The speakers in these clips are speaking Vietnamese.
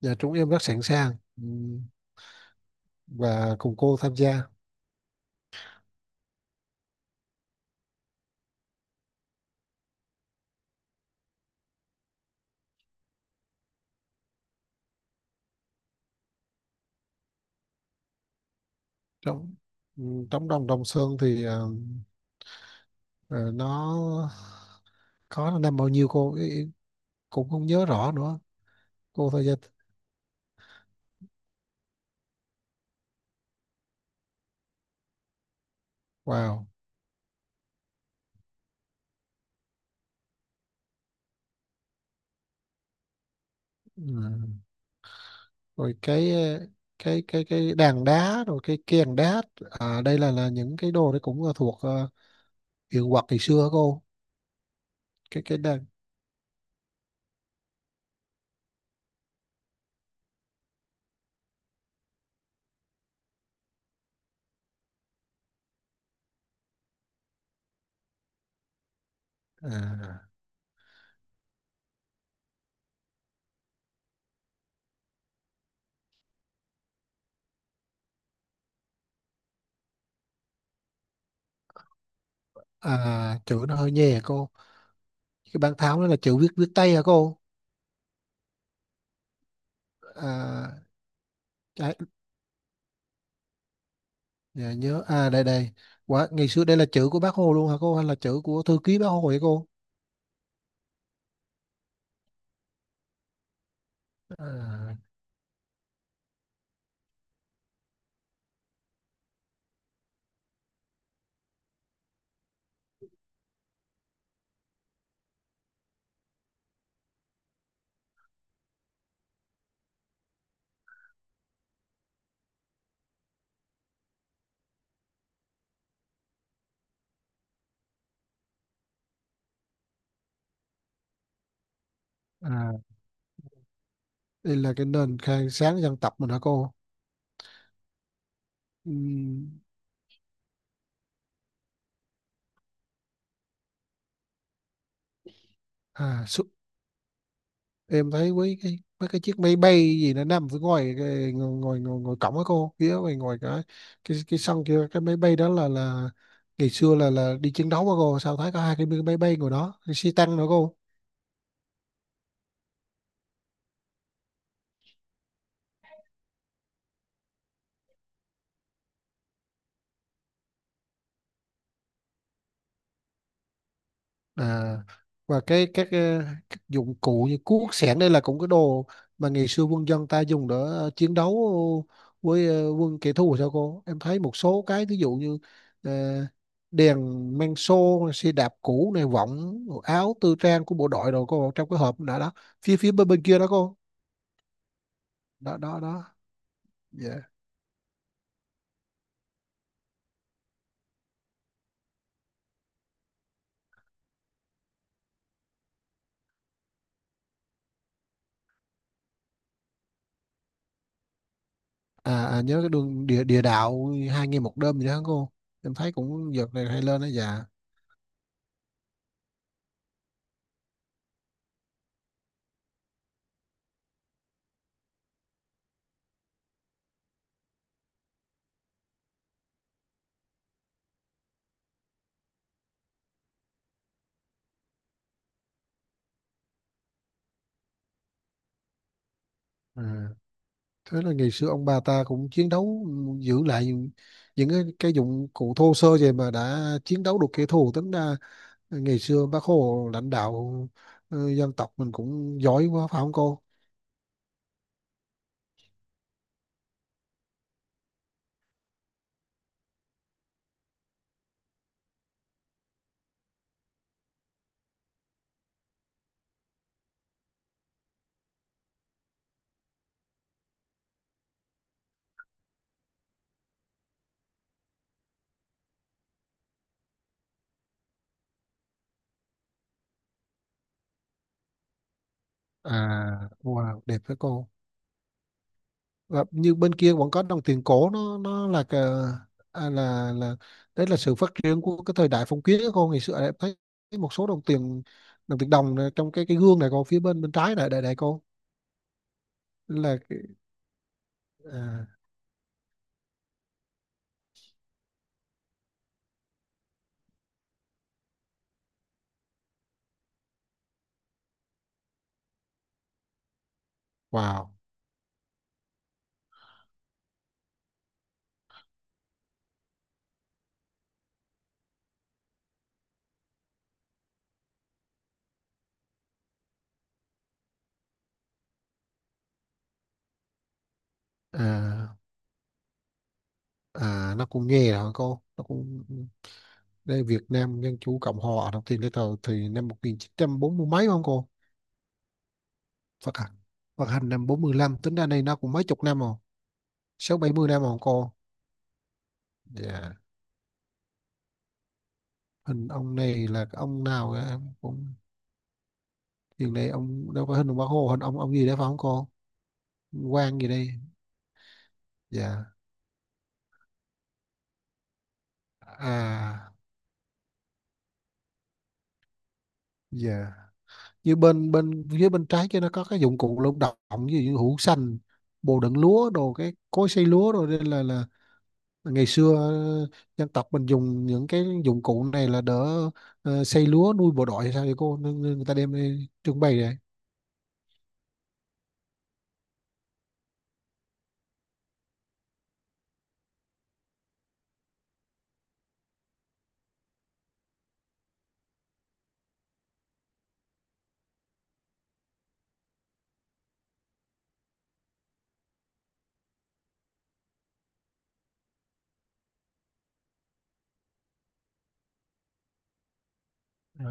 Dạ, chúng em rất sẵn sàng, và cùng cô tham gia. Trong ừm, trong đồng Đồng Sơn thì ờ, nó có năm bao nhiêu cô cũng không nhớ rõ nữa. Cô tham gia vào rồi cái đàn đá rồi cái kèn đá. Đây là những cái đồ đấy, cũng là thuộc hiện vật ngày xưa hả cô? Cái đàn. à, Chữ nó hơi nhè cô, cái bàn tháo đó là chữ viết viết tay hả cô? À, cái Dạ nhớ. Đây đây quá, ngày xưa đây là chữ của bác Hồ luôn hả cô, hay là chữ của thư ký bác Hồ vậy cô? à, à Đây là cái nền khang sáng dân tộc mình hả cô? Ừm. à su- em thấy với cái chiếc máy bay gì nó nằm phía ngoài cái, ngồi cổng hả cô, phía ngoài ngoài cái cái sân kia, cái máy bay đó là ngày xưa là đi chiến đấu hả cô? Sao thấy có hai cái máy bay ngồi đó, cái xe tăng nữa cô? à và các dụng cụ như cuốc xẻng đây là cũng cái đồ mà ngày xưa quân dân ta dùng để chiến đấu với quân kẻ thù sao cô. Em thấy một số cái ví dụ như ờ, đèn men xô, xe đạp cũ này, võng áo tư trang của bộ đội rồi cô, trong cái hộp đã đó, phía phía bên bên kia đó cô. Đó, đó, đó. Dạ. Nhớ cái đường địa địa đạo hai ngày một đêm gì đó hả cô, em thấy cũng giật này hay lên đó. Dạ. À, thế là ngày xưa ông bà ta cũng chiến đấu, giữ lại những cái dụng cụ thô sơ, vậy mà đã chiến đấu được kẻ thù. Tính ra ngày xưa bác Hồ lãnh đạo dân tộc mình cũng giỏi quá phải không cô? à wow, đẹp với cô. Và như bên kia vẫn có đồng tiền cổ, nó là cái, à, là đấy là sự phát triển của cái thời đại phong kiến đó cô. Ngày xưa em thấy một số đồng tiền, đồng tiền đồng này, trong cái gương này cô, phía bên bên trái này, đây đây cô là à, wow. à nó cũng nghe hả cô, nó cũng đây: Việt Nam Dân Chủ Cộng Hòa, đọc tiền lấy tờ thì năm 1940 mấy, không cô? Phát hành, năm 45. Tính ra đây nó cũng mấy chục năm rồi, sáu bảy mươi năm rồi cô. Dạ. Hình ông này là cái ông nào á, em cũng... hiện nay ông đâu có hình ông Bác Hồ, hình ông gì đấy phải không cô, quan gì đây? Dạ. à dạ, như bên bên phía bên trái kia nó có cái dụng cụ lao động, ví dụ như hũ xanh, bồ đựng lúa đồ, cái cối xay lúa rồi. Đây là ngày xưa dân tộc mình dùng những cái dụng cụ này là đỡ xây lúa nuôi bộ đội hay sao vậy cô, nên người ta đem đi trưng bày vậy. Ờ.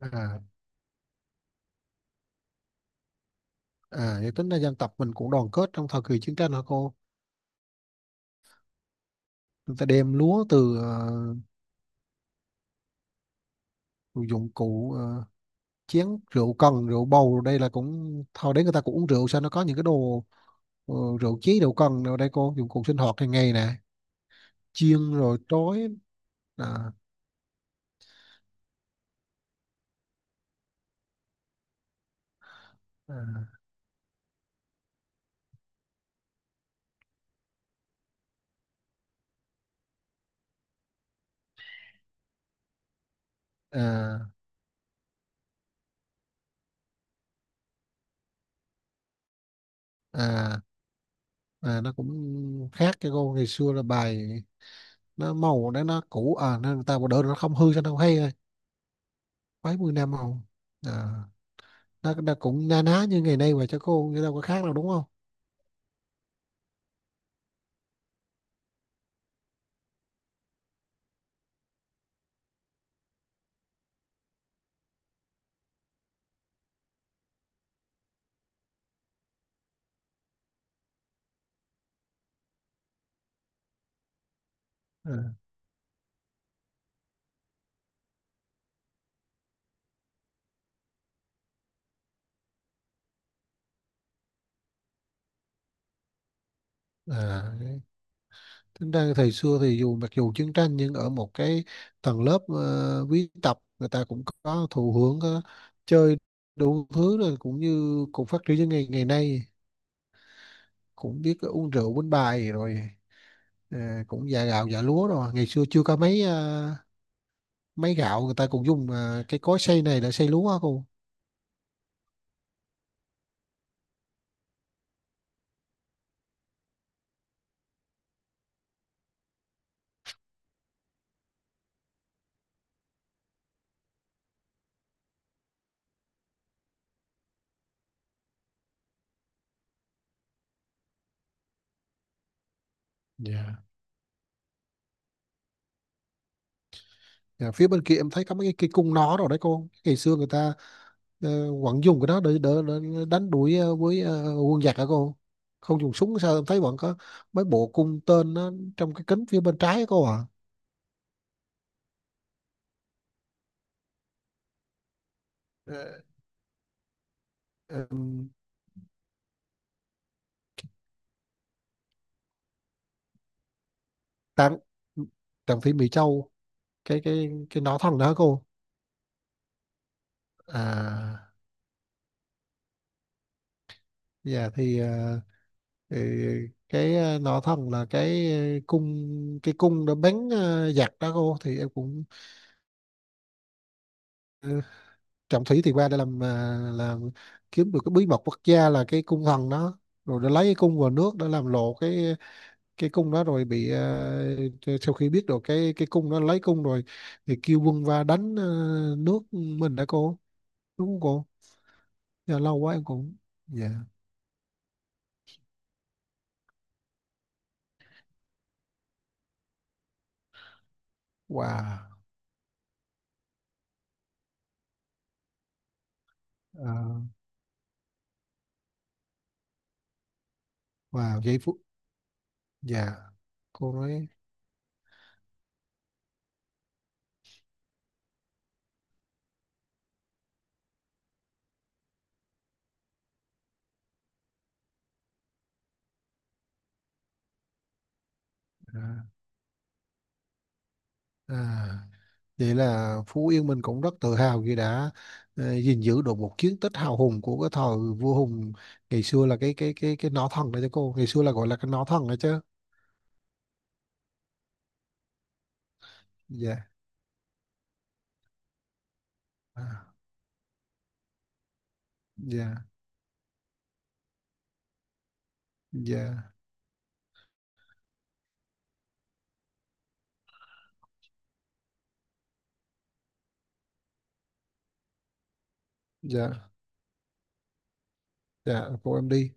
à Vậy tính ra dân tộc mình cũng đoàn kết trong thời kỳ chiến tranh hả cô. Người ta đem lúa từ dụng cụ chén rượu cần, rượu bầu đây là cũng thôi đấy, người ta cũng uống rượu sao, nó có những cái đồ ờ, rượu chí, rượu cần đâu đây cô, dụng cụ sinh hoạt hàng ngày nè, chiên rồi trói. à, à, à, à. Nó cũng khác cái cô, ngày xưa là bài nó màu đấy, nó cũ à, nên người ta bỏ đỡ nó không hư, cho nó hay rồi mấy mươi năm màu. À, nó, nó cũng na ná như ngày nay mà cho cô, chứ đâu có khác đâu đúng không? à, Đấy, tính ra thời xưa thì dù mặc dù chiến tranh, nhưng ở một cái tầng lớp quý tộc, người ta cũng có thụ hưởng, có chơi đủ thứ rồi, cũng như cũng phát triển như ngày ngày nay, cũng biết uống rượu uống bài rồi. Cũng dạ gạo dạ lúa rồi, ngày xưa chưa có mấy máy gạo, người ta cũng dùng cái cối xay này để xay lúa hả cô? Dạ. Dạ, phía bên kia em thấy có mấy cái cung nỏ rồi đấy cô, ngày xưa người ta vẫn dùng cái đó để đánh đuổi với quân giặc hả cô, không dùng súng sao? Em thấy vẫn có mấy bộ cung tên nó trong cái kính phía bên trái á cô à? Ờ, ừm, tàng tàng thị Mỹ Châu, cái nỏ thần đó hả cô? à dạ, thì nọ thần là cái cung đã bắn giặc đó cô, thì em cũng... Trọng Thủy thì qua để làm, làm kiếm được cái bí mật quốc gia là cái cung thần đó, rồi để lấy cái cung vào nước, để làm lộ cái cung đó, rồi bị sau khi biết được cái cung đó, lấy cung rồi thì kêu quân va đánh nước mình đó cô, đúng không cô? Dạ, lâu quá em cũng... Dạ. Wow. Ờ, wow, giây phút. Dạ cô nói. à, à. Vậy là Phú Yên mình cũng rất tự hào khi đã gìn giữ được một chiến tích hào hùng của cái thời vua Hùng, ngày xưa là cái nỏ thần đấy cho cô, ngày xưa là gọi là cái nỏ thần đấy chứ? Dạ. à, dạ, dạ, dạ, dạ cô em đi.